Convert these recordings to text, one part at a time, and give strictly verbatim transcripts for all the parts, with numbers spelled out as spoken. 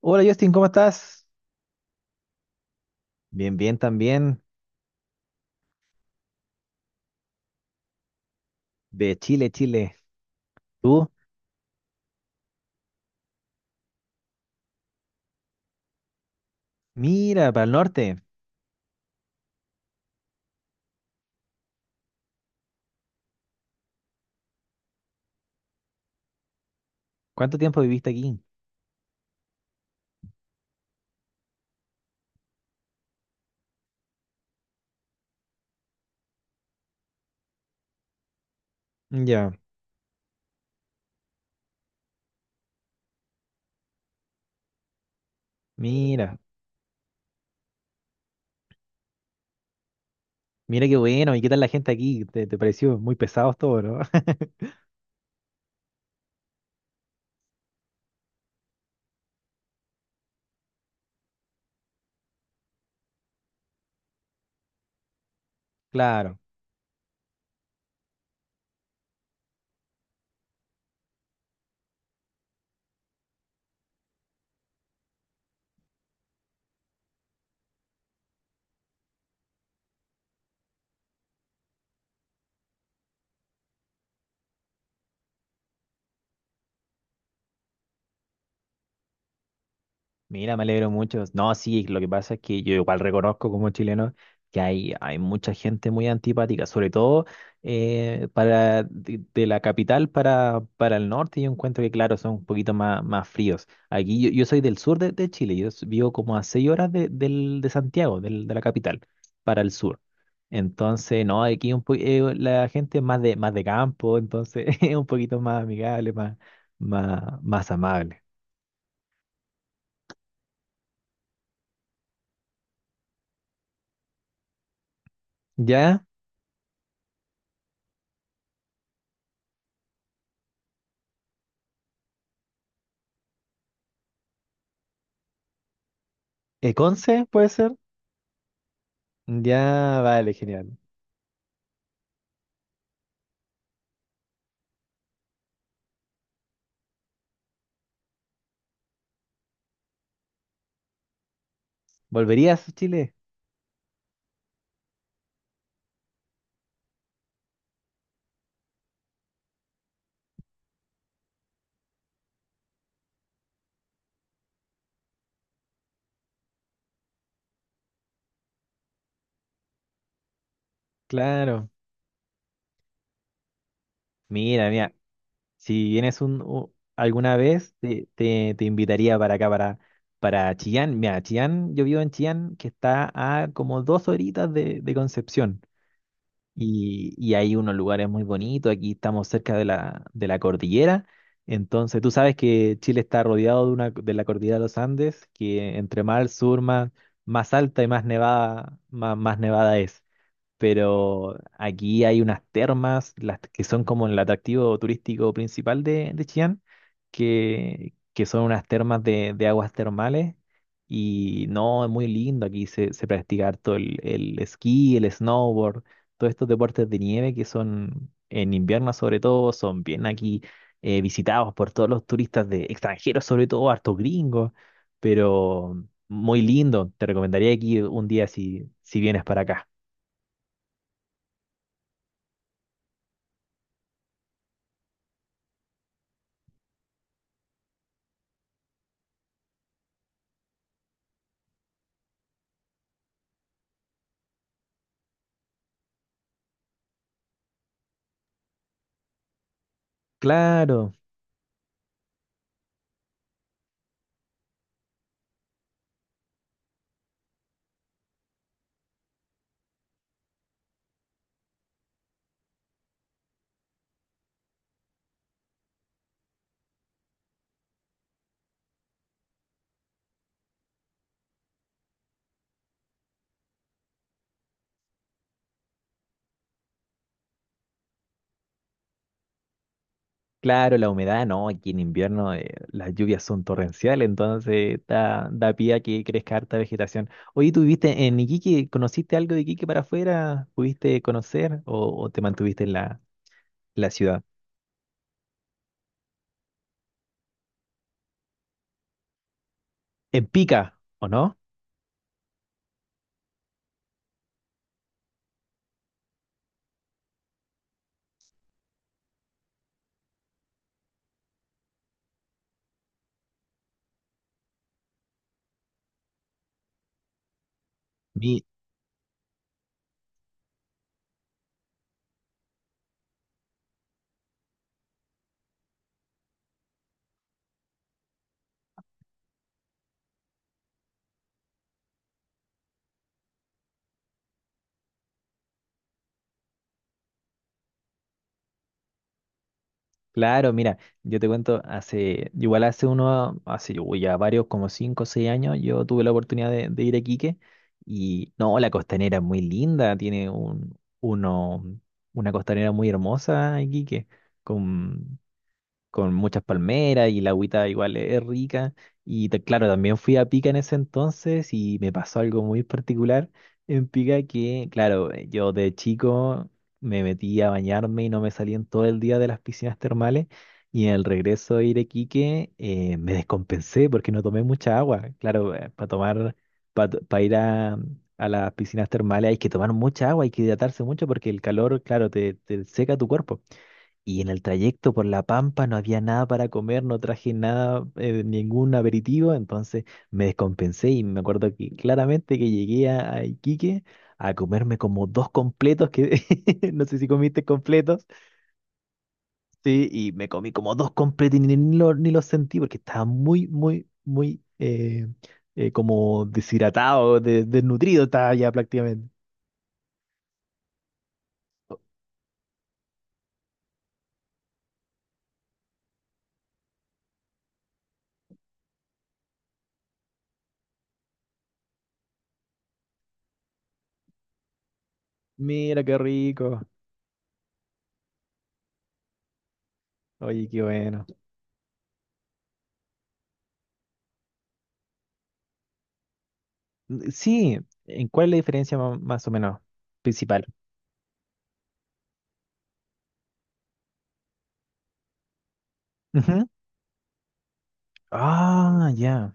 Hola Justin, ¿cómo estás? Bien, bien también. De Chile, Chile. ¿Tú? Mira, para el norte. ¿Cuánto tiempo viviste aquí? Ya, mira. Mira qué bueno. ¿Y qué tal la gente aquí? ¿Te, te pareció muy pesado todo, no? Claro. Mira, me alegro mucho. No, sí, lo que pasa es que yo igual reconozco como chileno que hay, hay mucha gente muy antipática, sobre todo eh, para de, de la capital para, para el norte. Yo encuentro que, claro, son un poquito más, más fríos. Aquí yo, yo soy del sur de, de Chile, yo s- vivo como a seis horas de, del, de Santiago, del, de la capital, para el sur. Entonces, no, aquí un po- eh, la gente es más de, más de campo, entonces es un poquito más amigable, más, más, más amable. ¿Ya? ¿Eh, Conce puede ser? Ya, vale, genial. ¿Volverías a Chile? Claro. Mira, mira, si vienes un, u- alguna vez, te, te, te invitaría para acá, para, para Chillán. Mira, Chillán, yo vivo en Chillán, que está a como dos horitas de, de Concepción. Y, y hay unos lugares muy bonitos. Aquí estamos cerca de la, de la cordillera. Entonces, tú sabes que Chile está rodeado de, una, de la cordillera de los Andes, que entre más al sur, más, más alta y más nevada, más, más nevada es. Pero aquí hay unas termas, las que son como el atractivo turístico principal de, de Chillán, que, que son unas termas de, de aguas termales, y no, es muy lindo, aquí se, se practica harto el, el esquí, el snowboard, todos estos deportes de nieve que son en invierno sobre todo, son bien aquí eh, visitados por todos los turistas de extranjeros, sobre todo hartos gringos, pero muy lindo, te recomendaría aquí un día si, si vienes para acá. Claro, claro, la humedad, no, aquí en invierno eh, las lluvias son torrenciales, entonces da, da pie a que crezca harta vegetación. Oye, ¿tú viviste en Iquique? ¿Conociste algo de Iquique para afuera? ¿Pudiste conocer o, o te mantuviste en la, la ciudad? En Pica, ¿o no? Claro, mira, yo te cuento, hace, igual hace uno, hace uy, ya varios, como cinco o seis años, yo tuve la oportunidad de, de ir a Quique y no, la costanera es muy linda, tiene un, uno, una costanera muy hermosa en Quique, con, con muchas palmeras y la agüita igual es rica. Y te- claro, también fui a Pica en ese entonces y me pasó algo muy particular en Pica que, claro, eh, yo de chico me metí a bañarme y no me salí en todo el día de las piscinas termales. Y en el regreso de Iquique eh, me descompensé porque no tomé mucha agua. Claro, para tomar, para ir a, a las piscinas termales hay que tomar mucha agua, hay que hidratarse mucho porque el calor, claro, te te seca tu cuerpo. Y en el trayecto por La Pampa no había nada para comer, no traje nada, eh, ningún aperitivo, entonces me descompensé y me acuerdo que claramente que llegué a, a Iquique a comerme como dos completos, que no sé si comiste completos, sí, y me comí como dos completos y ni, ni lo- ni los sentí porque estaba muy, muy, muy eh, eh, como deshidratado, de- desnutrido estaba ya prácticamente. Oh, mira qué rico, oye, qué bueno. Sí, ¿en cuál es la diferencia ma- más o menos principal? Ujú. Ah, ya.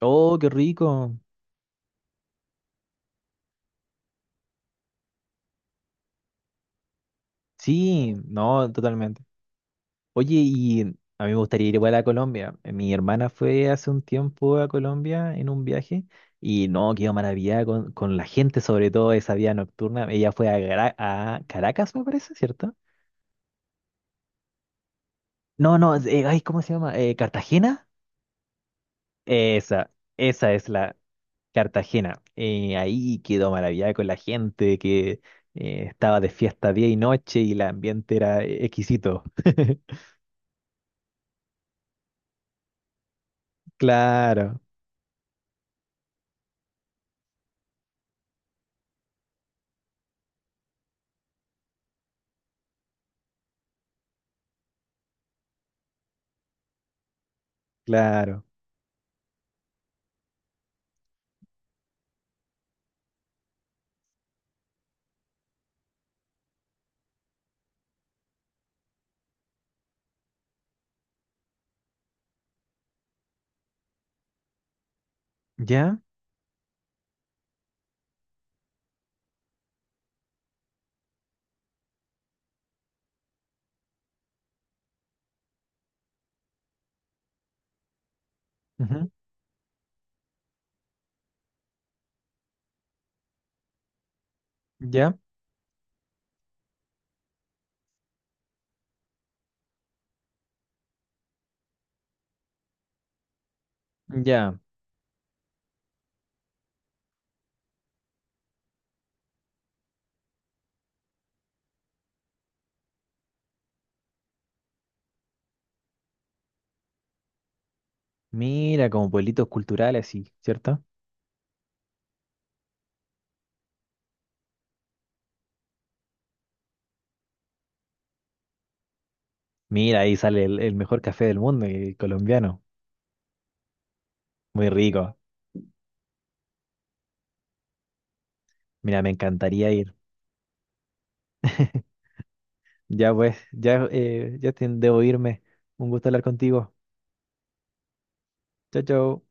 Oh, qué rico. Sí, no, totalmente. Oye, y a mí me gustaría ir igual a Colombia. Mi hermana fue hace un tiempo a Colombia en un viaje y no, quedó maravillada con, con la gente, sobre todo esa vida nocturna. Ella fue a, Gra- a Caracas, me parece, ¿cierto? No, no, eh, ay, ¿cómo se llama? Eh, ¿Cartagena? Esa, esa es la, Cartagena. Eh, ahí quedó maravillada con la gente que eh, estaba de fiesta día y noche y el ambiente era eh, exquisito. Claro, claro. ¿Ya? Ujú. ¿Ya? ¿Ya? Mira, como pueblitos culturales, sí, ¿cierto? Mira, ahí sale el, el mejor café del mundo, el colombiano. Muy rico. Mira, me encantaría ir. Ya pues, ya, eh, ya te- debo irme. Un gusto hablar contigo. Chao, chao.